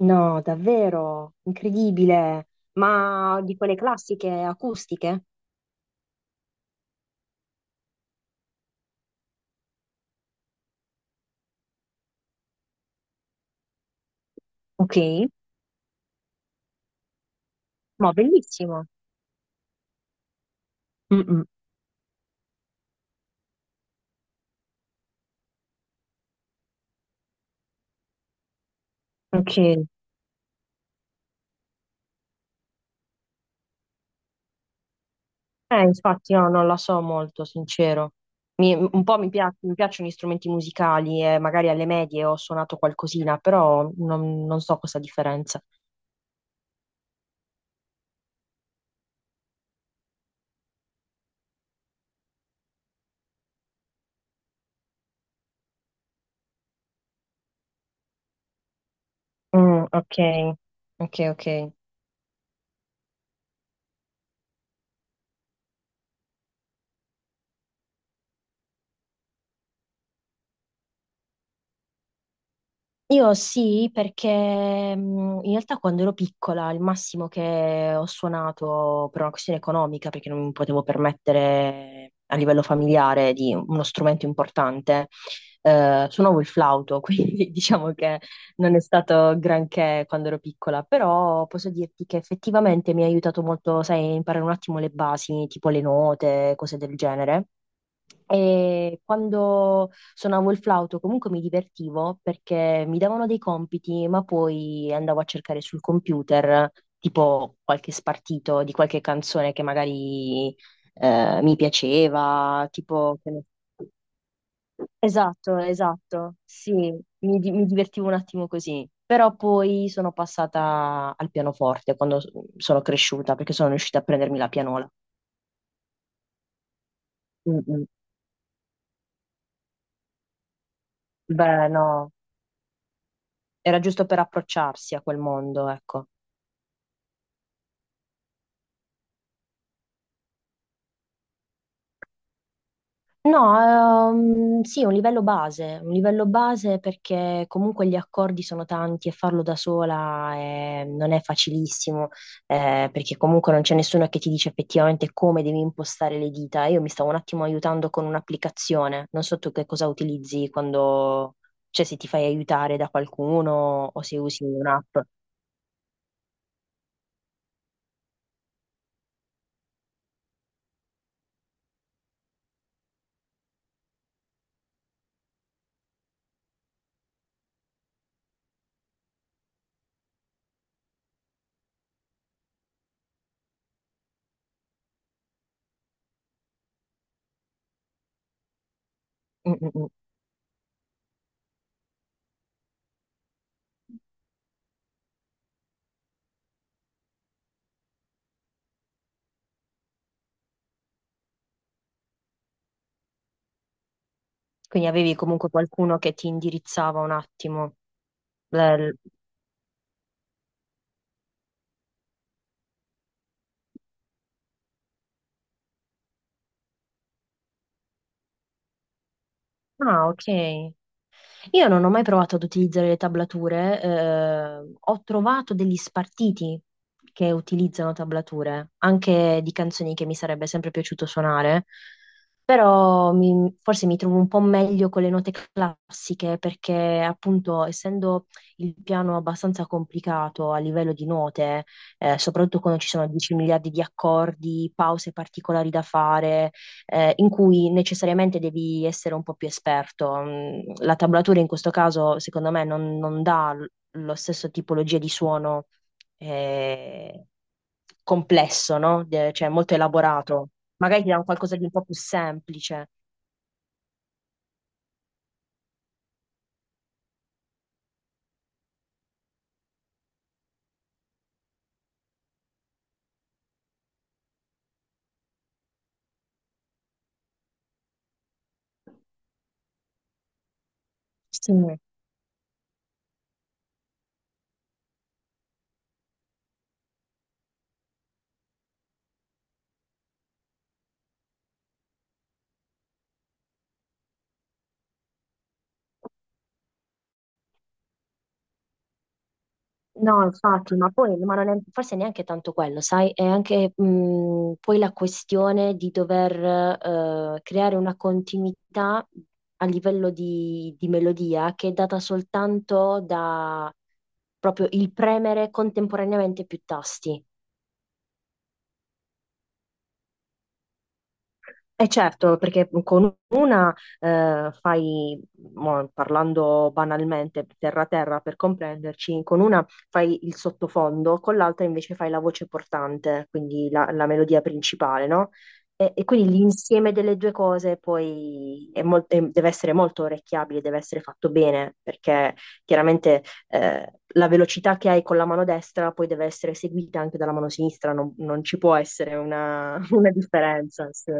No, davvero, incredibile. Ma di quelle classiche acustiche? Ok, ma bellissimo. Mm-mm. Ok, infatti io non la so molto, sincero. Mi- un po' mi, pia- Mi piacciono gli strumenti musicali e magari alle medie ho suonato qualcosina, però non so questa differenza. Mm, ok, ok, ok. Io sì, perché in realtà quando ero piccola il massimo che ho suonato per una questione economica, perché non mi potevo permettere a livello familiare di uno strumento importante, suonavo il flauto, quindi diciamo che non è stato granché quando ero piccola, però posso dirti che effettivamente mi ha aiutato molto, sai, a imparare un attimo le basi, tipo le note, cose del genere. E quando suonavo il flauto comunque mi divertivo perché mi davano dei compiti, ma poi andavo a cercare sul computer tipo qualche spartito di qualche canzone che magari mi piaceva, tipo... Esatto, esatto, sì, mi divertivo un attimo così, però poi sono passata al pianoforte sono cresciuta perché sono riuscita a prendermi la pianola. Mm, mm. Beh, no. Era giusto per approcciarsi a quel mondo, ecco. No, sì, un livello base perché comunque gli accordi sono tanti e farlo da sola non è facilissimo, perché comunque non c'è nessuno che ti dice effettivamente come devi impostare le dita. Io mi stavo un attimo aiutando con un'applicazione, non so tu che cosa utilizzi quando, cioè se ti fai aiutare da qualcuno o se usi un'app. Mm, mm, mm. Quindi avevi comunque qualcuno che ti indirizzava un attimo. Ah, ok. Io non ho mai provato ad utilizzare le tablature, ho trovato degli spartiti che utilizzano tablature, anche di canzoni che mi sarebbe sempre piaciuto suonare, però forse mi trovo un po' meglio con le note classiche perché appunto essendo il piano abbastanza complicato a livello di note, soprattutto quando ci sono 10 miliardi di accordi, pause particolari da fare in cui necessariamente devi essere un po' più esperto. Mm. La tablatura in questo caso, secondo me, non dà lo stesso tipologia di suono eh, complesso, no? Cioè molto elaborato. Magari ti dà un qualcosa di un po' più semplice. Sì. No, infatti, ma poi ma non è, forse neanche tanto quello, sai? È anche poi la questione di dover creare una continuità a livello di melodia che è data soltanto da proprio il premere contemporaneamente più tasti. E certo, perché con una fai, mo, parlando banalmente, terra terra per comprenderci, con una fai il sottofondo, con l'altra invece fai la voce portante, quindi la, la melodia principale, no? E quindi l'insieme delle due cose poi deve essere molto orecchiabile, deve essere fatto bene, perché chiaramente la velocità che hai con la mano destra poi deve essere seguita anche dalla mano sinistra, non ci può essere una, una differenza. Sì.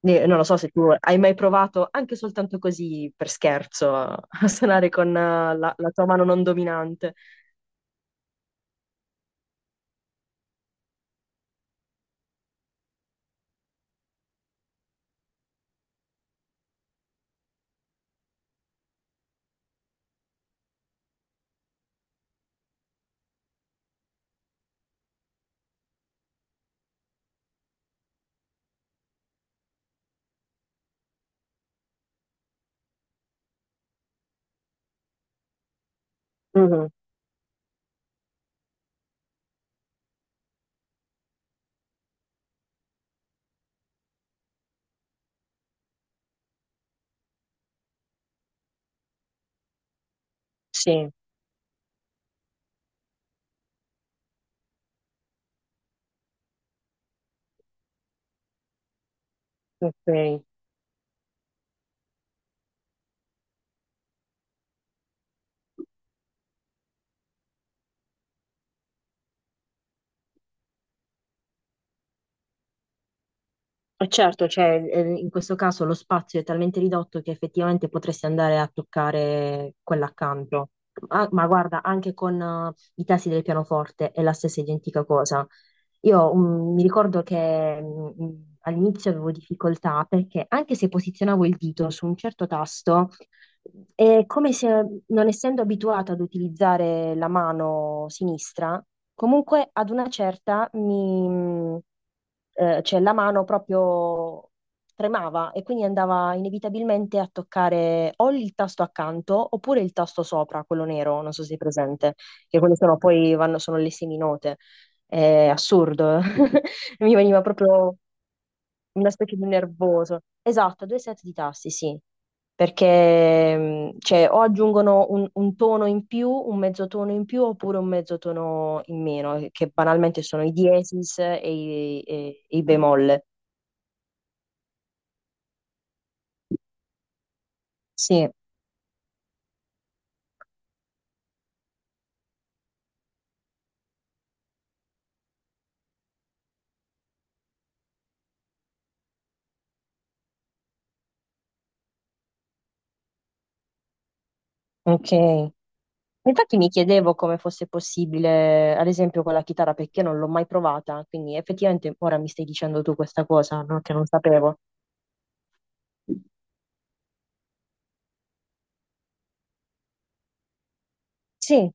Non lo so se tu hai mai provato, anche soltanto così per scherzo, a suonare con la tua mano non dominante. Mhm, sì, ok. E certo, cioè, in questo caso lo spazio è talmente ridotto che effettivamente potresti andare a toccare quella accanto. Ah, ma guarda, anche con i tasti del pianoforte è la stessa identica cosa. Io mi ricordo che all'inizio avevo difficoltà perché anche se posizionavo il dito su un certo tasto, è come se non essendo abituata ad utilizzare la mano sinistra, comunque ad una certa cioè la mano proprio tremava e quindi andava inevitabilmente a toccare o il tasto accanto oppure il tasto sopra, quello nero, non so se è presente, che quelle sono poi vanno, sono le seminote. È assurdo. Mi veniva proprio una specie di nervoso. Esatto, due set di tasti, sì. Perché cioè, o aggiungono un tono in più, un mezzo tono in più, oppure un mezzo tono in meno, che banalmente sono i diesis e e i bemoll. Sì, ok. Infatti mi chiedevo come fosse possibile, ad esempio, con la chitarra, perché non l'ho mai provata. Quindi effettivamente ora mi stai dicendo tu questa cosa, no? Che non sapevo. Sì,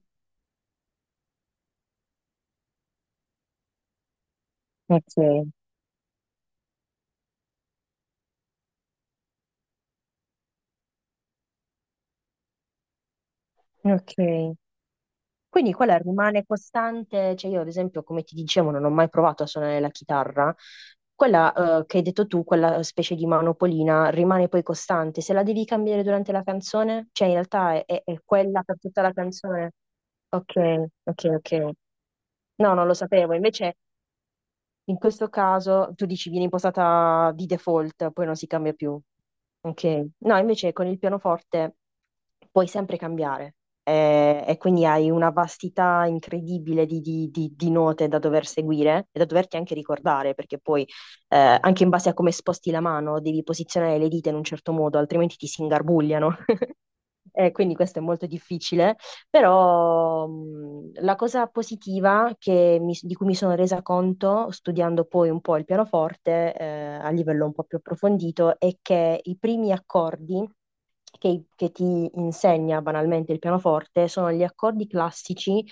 ok. Ok. Quindi quella rimane costante, cioè io ad esempio, come ti dicevo, non ho mai provato a suonare la chitarra. Quella che hai detto tu, quella specie di manopolina, rimane poi costante. Se la devi cambiare durante la canzone, cioè in realtà è quella per tutta la canzone. Ok, ok, ok. No, non lo sapevo. Invece in questo caso tu dici viene impostata di default, poi non si cambia più. Ok, no, invece con il pianoforte puoi sempre cambiare e quindi hai una vastità incredibile di, di note da dover seguire e da doverti anche ricordare, perché poi anche in base a come sposti la mano devi posizionare le dita in un certo modo, altrimenti ti si ingarbugliano. Quindi questo è molto difficile, però la cosa positiva di cui mi sono resa conto studiando poi un po' il pianoforte a livello un po' più approfondito è che i primi accordi che ti insegna banalmente il pianoforte sono gli accordi classici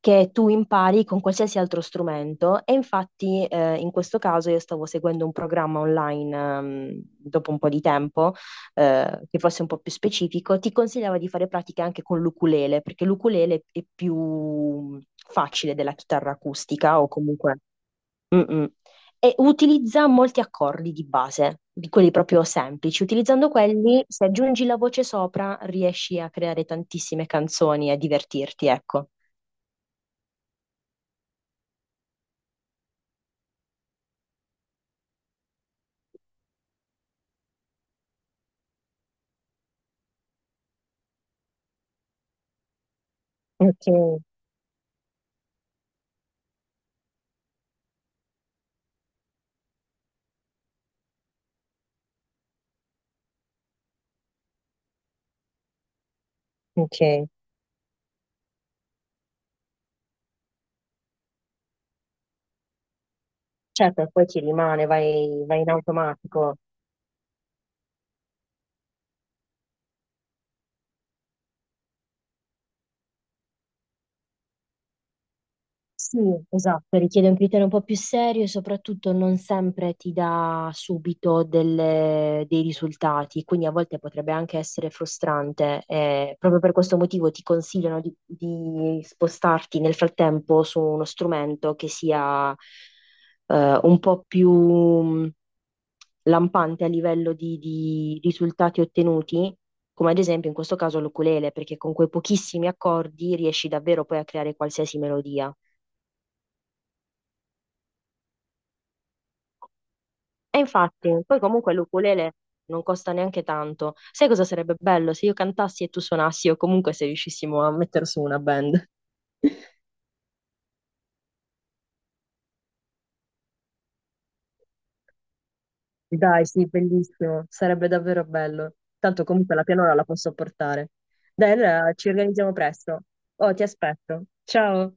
che tu impari con qualsiasi altro strumento e infatti in questo caso io stavo seguendo un programma online dopo un po' di tempo che fosse un po' più specifico, ti consigliava di fare pratiche anche con l'ukulele, perché l'ukulele è più mm, facile della chitarra acustica o comunque... Mm-mm. E utilizza molti accordi di base, di quelli proprio semplici. Utilizzando quelli, se aggiungi la voce sopra, riesci a creare tantissime canzoni e a divertirti, ecco. Ok, ok. Certo, poi ti rimane, vai, vai in automatico. Sì, esatto, richiede un criterio un po' più serio e soprattutto non sempre ti dà subito dei risultati, quindi a volte potrebbe anche essere frustrante. Eh, proprio per questo motivo ti consigliano di spostarti nel frattempo su uno strumento che sia un po' più lampante a livello di risultati ottenuti. Come ad esempio in questo caso l'ukulele, perché con quei pochissimi accordi riesci davvero poi a creare qualsiasi melodia. E infatti, poi comunque l'ukulele non costa neanche tanto. Sai cosa sarebbe bello se io cantassi e tu suonassi o comunque se riuscissimo a mettere su una band? Dai, sì, bellissimo, sarebbe davvero bello. Tanto comunque la pianola la posso portare. Dai, allora ci organizziamo presto. Oh, ti aspetto. Ciao.